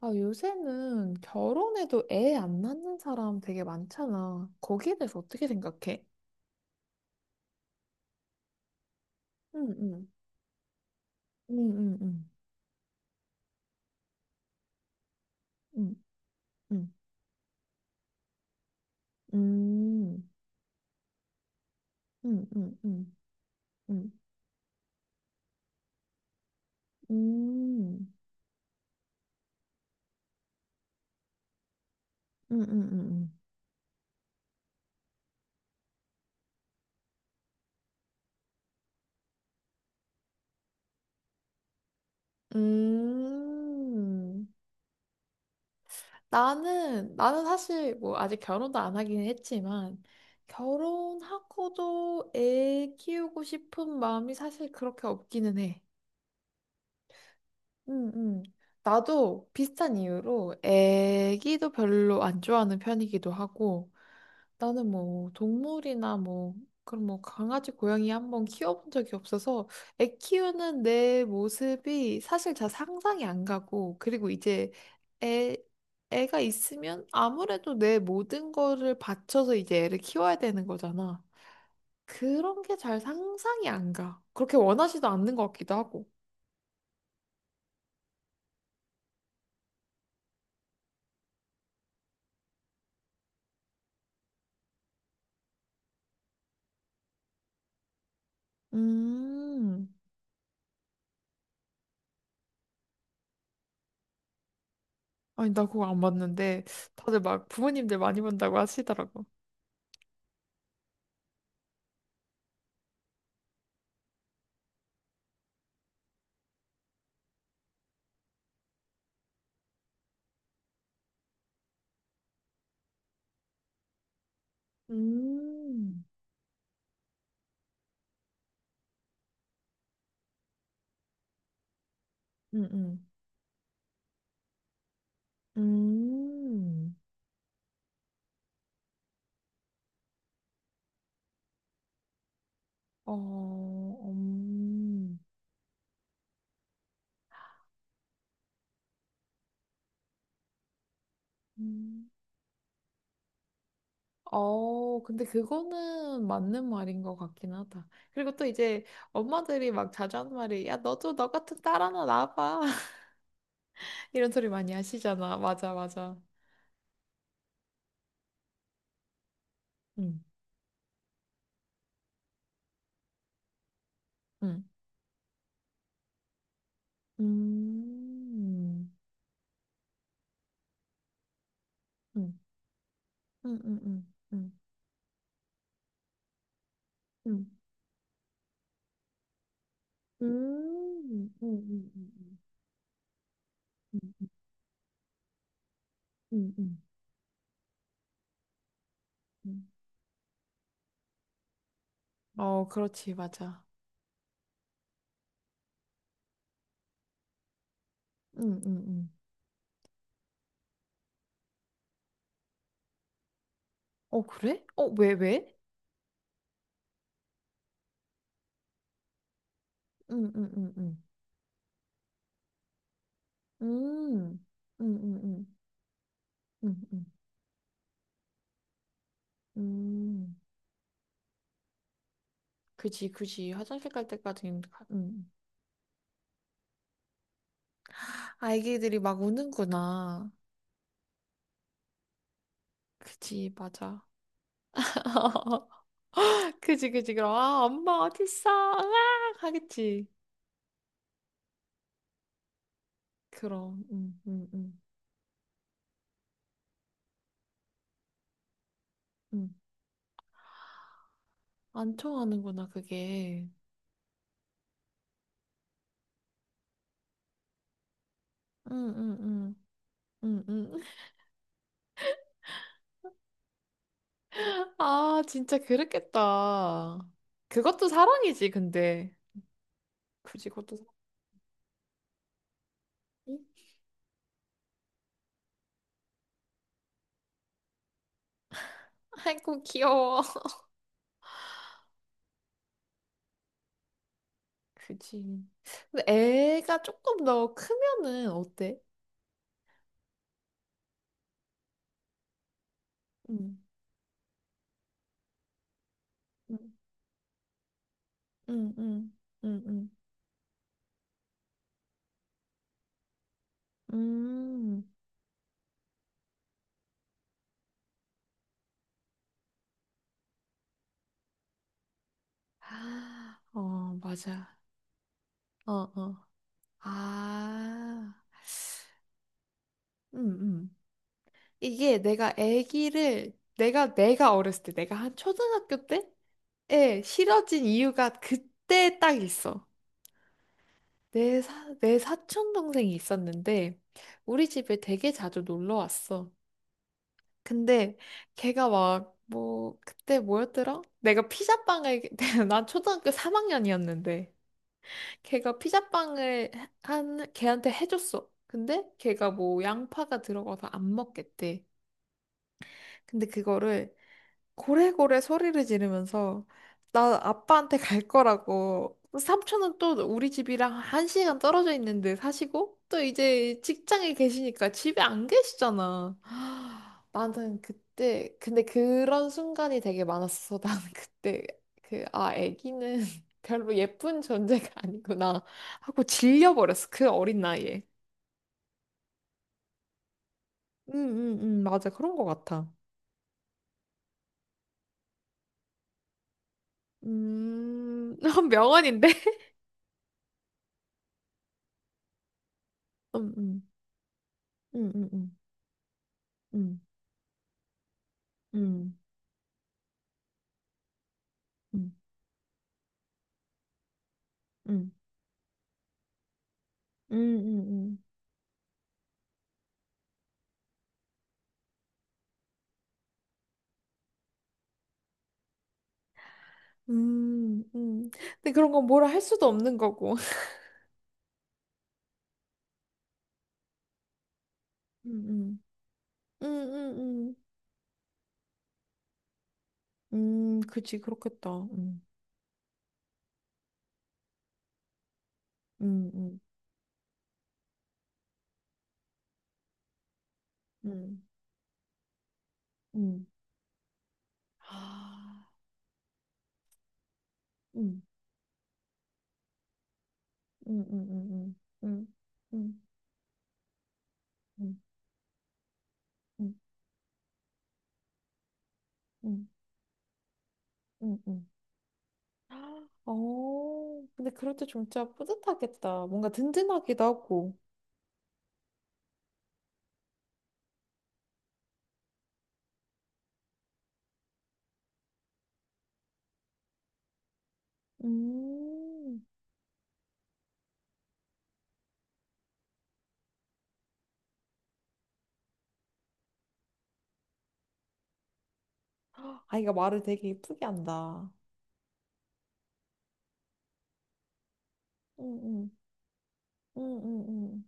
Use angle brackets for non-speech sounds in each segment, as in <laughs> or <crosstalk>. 아, 요새는 결혼해도 애 안 낳는 사람 되게 많잖아. 거기에 대해서 어떻게 생각해? 응, 응, 응, 응, 응, 응, 응, 응, 응, 응, 응, 응, 응, 응, 응, 응. 음. 나는 사실 뭐 아직 결혼도 안 하긴 했지만, 결혼하고도 애 키우고 싶은 마음이 사실 그렇게 없기는 해. 음, 음. 나도 비슷한 이유로 애기도 별로 안 좋아하는 편이기도 하고 나는 뭐 동물이나 뭐 그런 뭐 강아지 고양이 한번 키워본 적이 없어서 애 키우는 내 모습이 사실 잘 상상이 안 가고 그리고 이제 애 애가 있으면 아무래도 내 모든 거를 바쳐서 이제 애를 키워야 되는 거잖아. 그런 게 잘 상상이 안 가. 그렇게 원하지도 않는 것 같기도 하고. 음. 아니, 나 그거 안 봤는데, 다들 막 부모님들 많이 본다고 하시더라고. 음, 음, 음, 음, 어, 음. 어, 근데 그거는 맞는 말인 것 같긴 하다. 그리고 또 이제 엄마들이 막 자주 하는 말이, 야, 너도 너 같은 딸 하나 낳봐 <laughs> 이런 소리 많이 하시잖아. 맞아, 맞아. 음, 음, 음, 음, 음, 음, 음, 음, 음, 음, 음, 음, 음, 음. 음, 음, 음, 음, 어, 그렇지, 맞아. 음, 음, 음. 어, 그래? 어, 왜, 왜? 음, 음, 음, 음. 음, 음, 음, 음, 음, 음, 음. 그지, 그지. 화장실 갈 때까지. 음. 아기들이 막 우는구나. 그지, 맞아. <laughs> 그지, 그지. 그럼, 아, 엄마 어딨어? 으악! 하겠지. 그럼, 음. 안 통하는구나, 그게. 음, 음, 음. 음, 음, 아, 진짜 그렇겠다. 그것도 사랑이지, 근데. 굳이 그것도 사랑이? 아이고, 귀여워. <laughs> 그지. 근데 애가 조금 더 크면은 어때? 응, 응, 응, 응, 응, 응. 음. <gasps> 아, 어, 맞아. 어, 어. 아, 응, 응. 이게 내가 애기를, 내가 어렸을 때, 내가 한 초등학교 때? 에 실어진 이유가 그때 딱 있어. 내 사촌 동생이 있었는데 우리 집에 되게 자주 놀러 왔어. 근데 걔가 막 뭐 그때 뭐였더라? 내가 피자빵을 <laughs> 난 초등학교 3학년이었는데 걔가 피자빵을 한 걔한테 해줬어. 근데 걔가 뭐 양파가 들어가서 안 먹겠대. 근데 그거를 고래고래 소리를 지르면서 나 아빠한테 갈 거라고 삼촌은 또 우리 집이랑 한 시간 떨어져 있는데 사시고 또 이제 직장에 계시니까 집에 안 계시잖아. <gasps> <sighs> 나는 그때 근데 그런 순간이 되게 많았어. <laughs> 나는 그때 그 아 애기는 <laughs> 별로 예쁜 존재가 아니구나 하고 질려버렸어. 그 어린 나이에. 응응응 맞아 그런 거 같아. 음 <laughs> 명언인데. <laughs> 응응 응응응 음, 음, 음, 음, 음, 음, 음. 근데 그런 건 뭐라 할 수도 없는 거고. <laughs> 음, 음, 음, 음, 그치, 그렇겠다. 음, 음, 음, 음, 아, 음, 음, 음, 음, 음, 음, 음, 음, 음, 음. 아, 어, 근데 그럴 때 진짜 뿌듯하겠다. 뭔가 든든하기도 하고. 음, 아이가 말을 되게 이쁘게 한다. 응응 응응응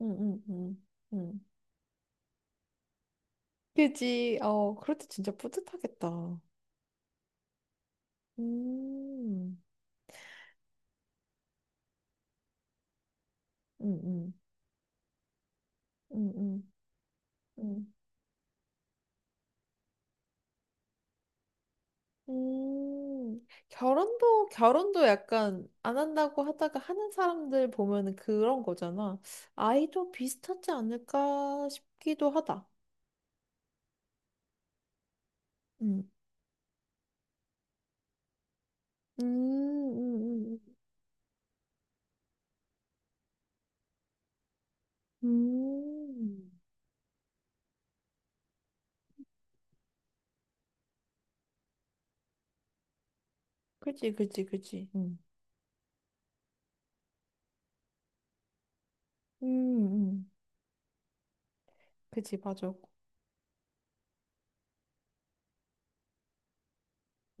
응응응 응. 그지. 어, 그럴 때 진짜 뿌듯하겠다. 음. 응응 응응 응. 음. 결혼도 약간 안 한다고 하다가 하는 사람들 보면은 그런 거잖아. 아이도 비슷하지 않을까 싶기도 하다. 음. 음. 음. 음. 음. 그지 그지 그지. 음. 음. 음. 그지 맞아.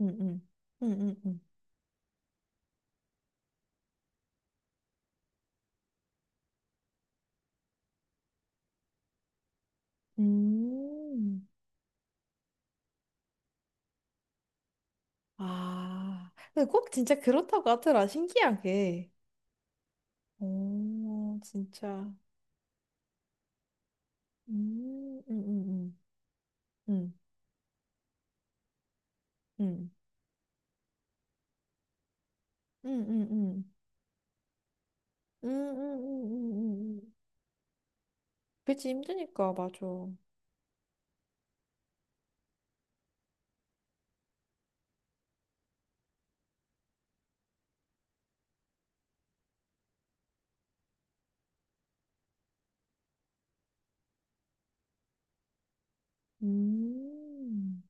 응응 응응응 음. 아, 근데 꼭 진짜 그렇다고 하더라. 신기하게. 오, 진짜. 음, 음, 음, 음, 음, 음, 음, 음, 음, 음, 음, 음, 음. 그치, 힘드니까, 맞아. 음.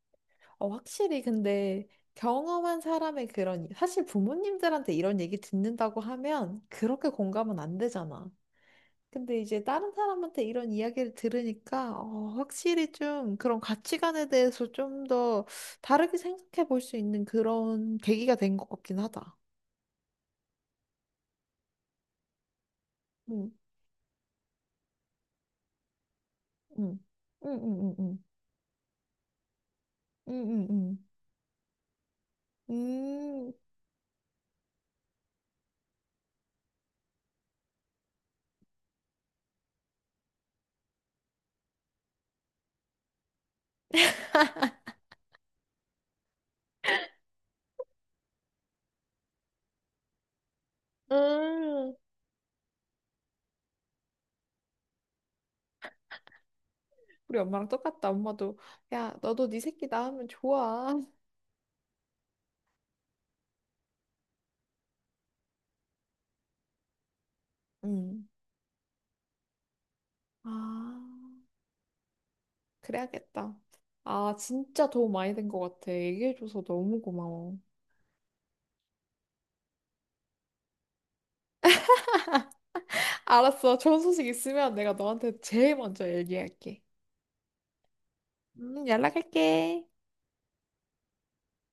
어, 확실히 근데 경험한 사람의 그런, 사실 부모님들한테 이런 얘기 듣는다고 하면 그렇게 공감은 안 되잖아. 근데 이제 다른 사람한테 이런 이야기를 들으니까 어, 확실히 좀 그런 가치관에 대해서 좀 더 다르게 생각해 볼 수 있는 그런 계기가 된 것 같긴 하다. 응, 응, 응, 응, 응, 응, 응, 응, 응. 음. 우리 엄마랑 똑같다. 엄마도 야, 너도 네 새끼 낳으면 좋아. <laughs> 응. 아, 그래야겠다. 아, 진짜 도움 많이 된 것 같아. 얘기해줘서 너무 고마워. 알았어. 좋은 소식 있으면 내가 너한테 제일 먼저 얘기할게. 연락할게.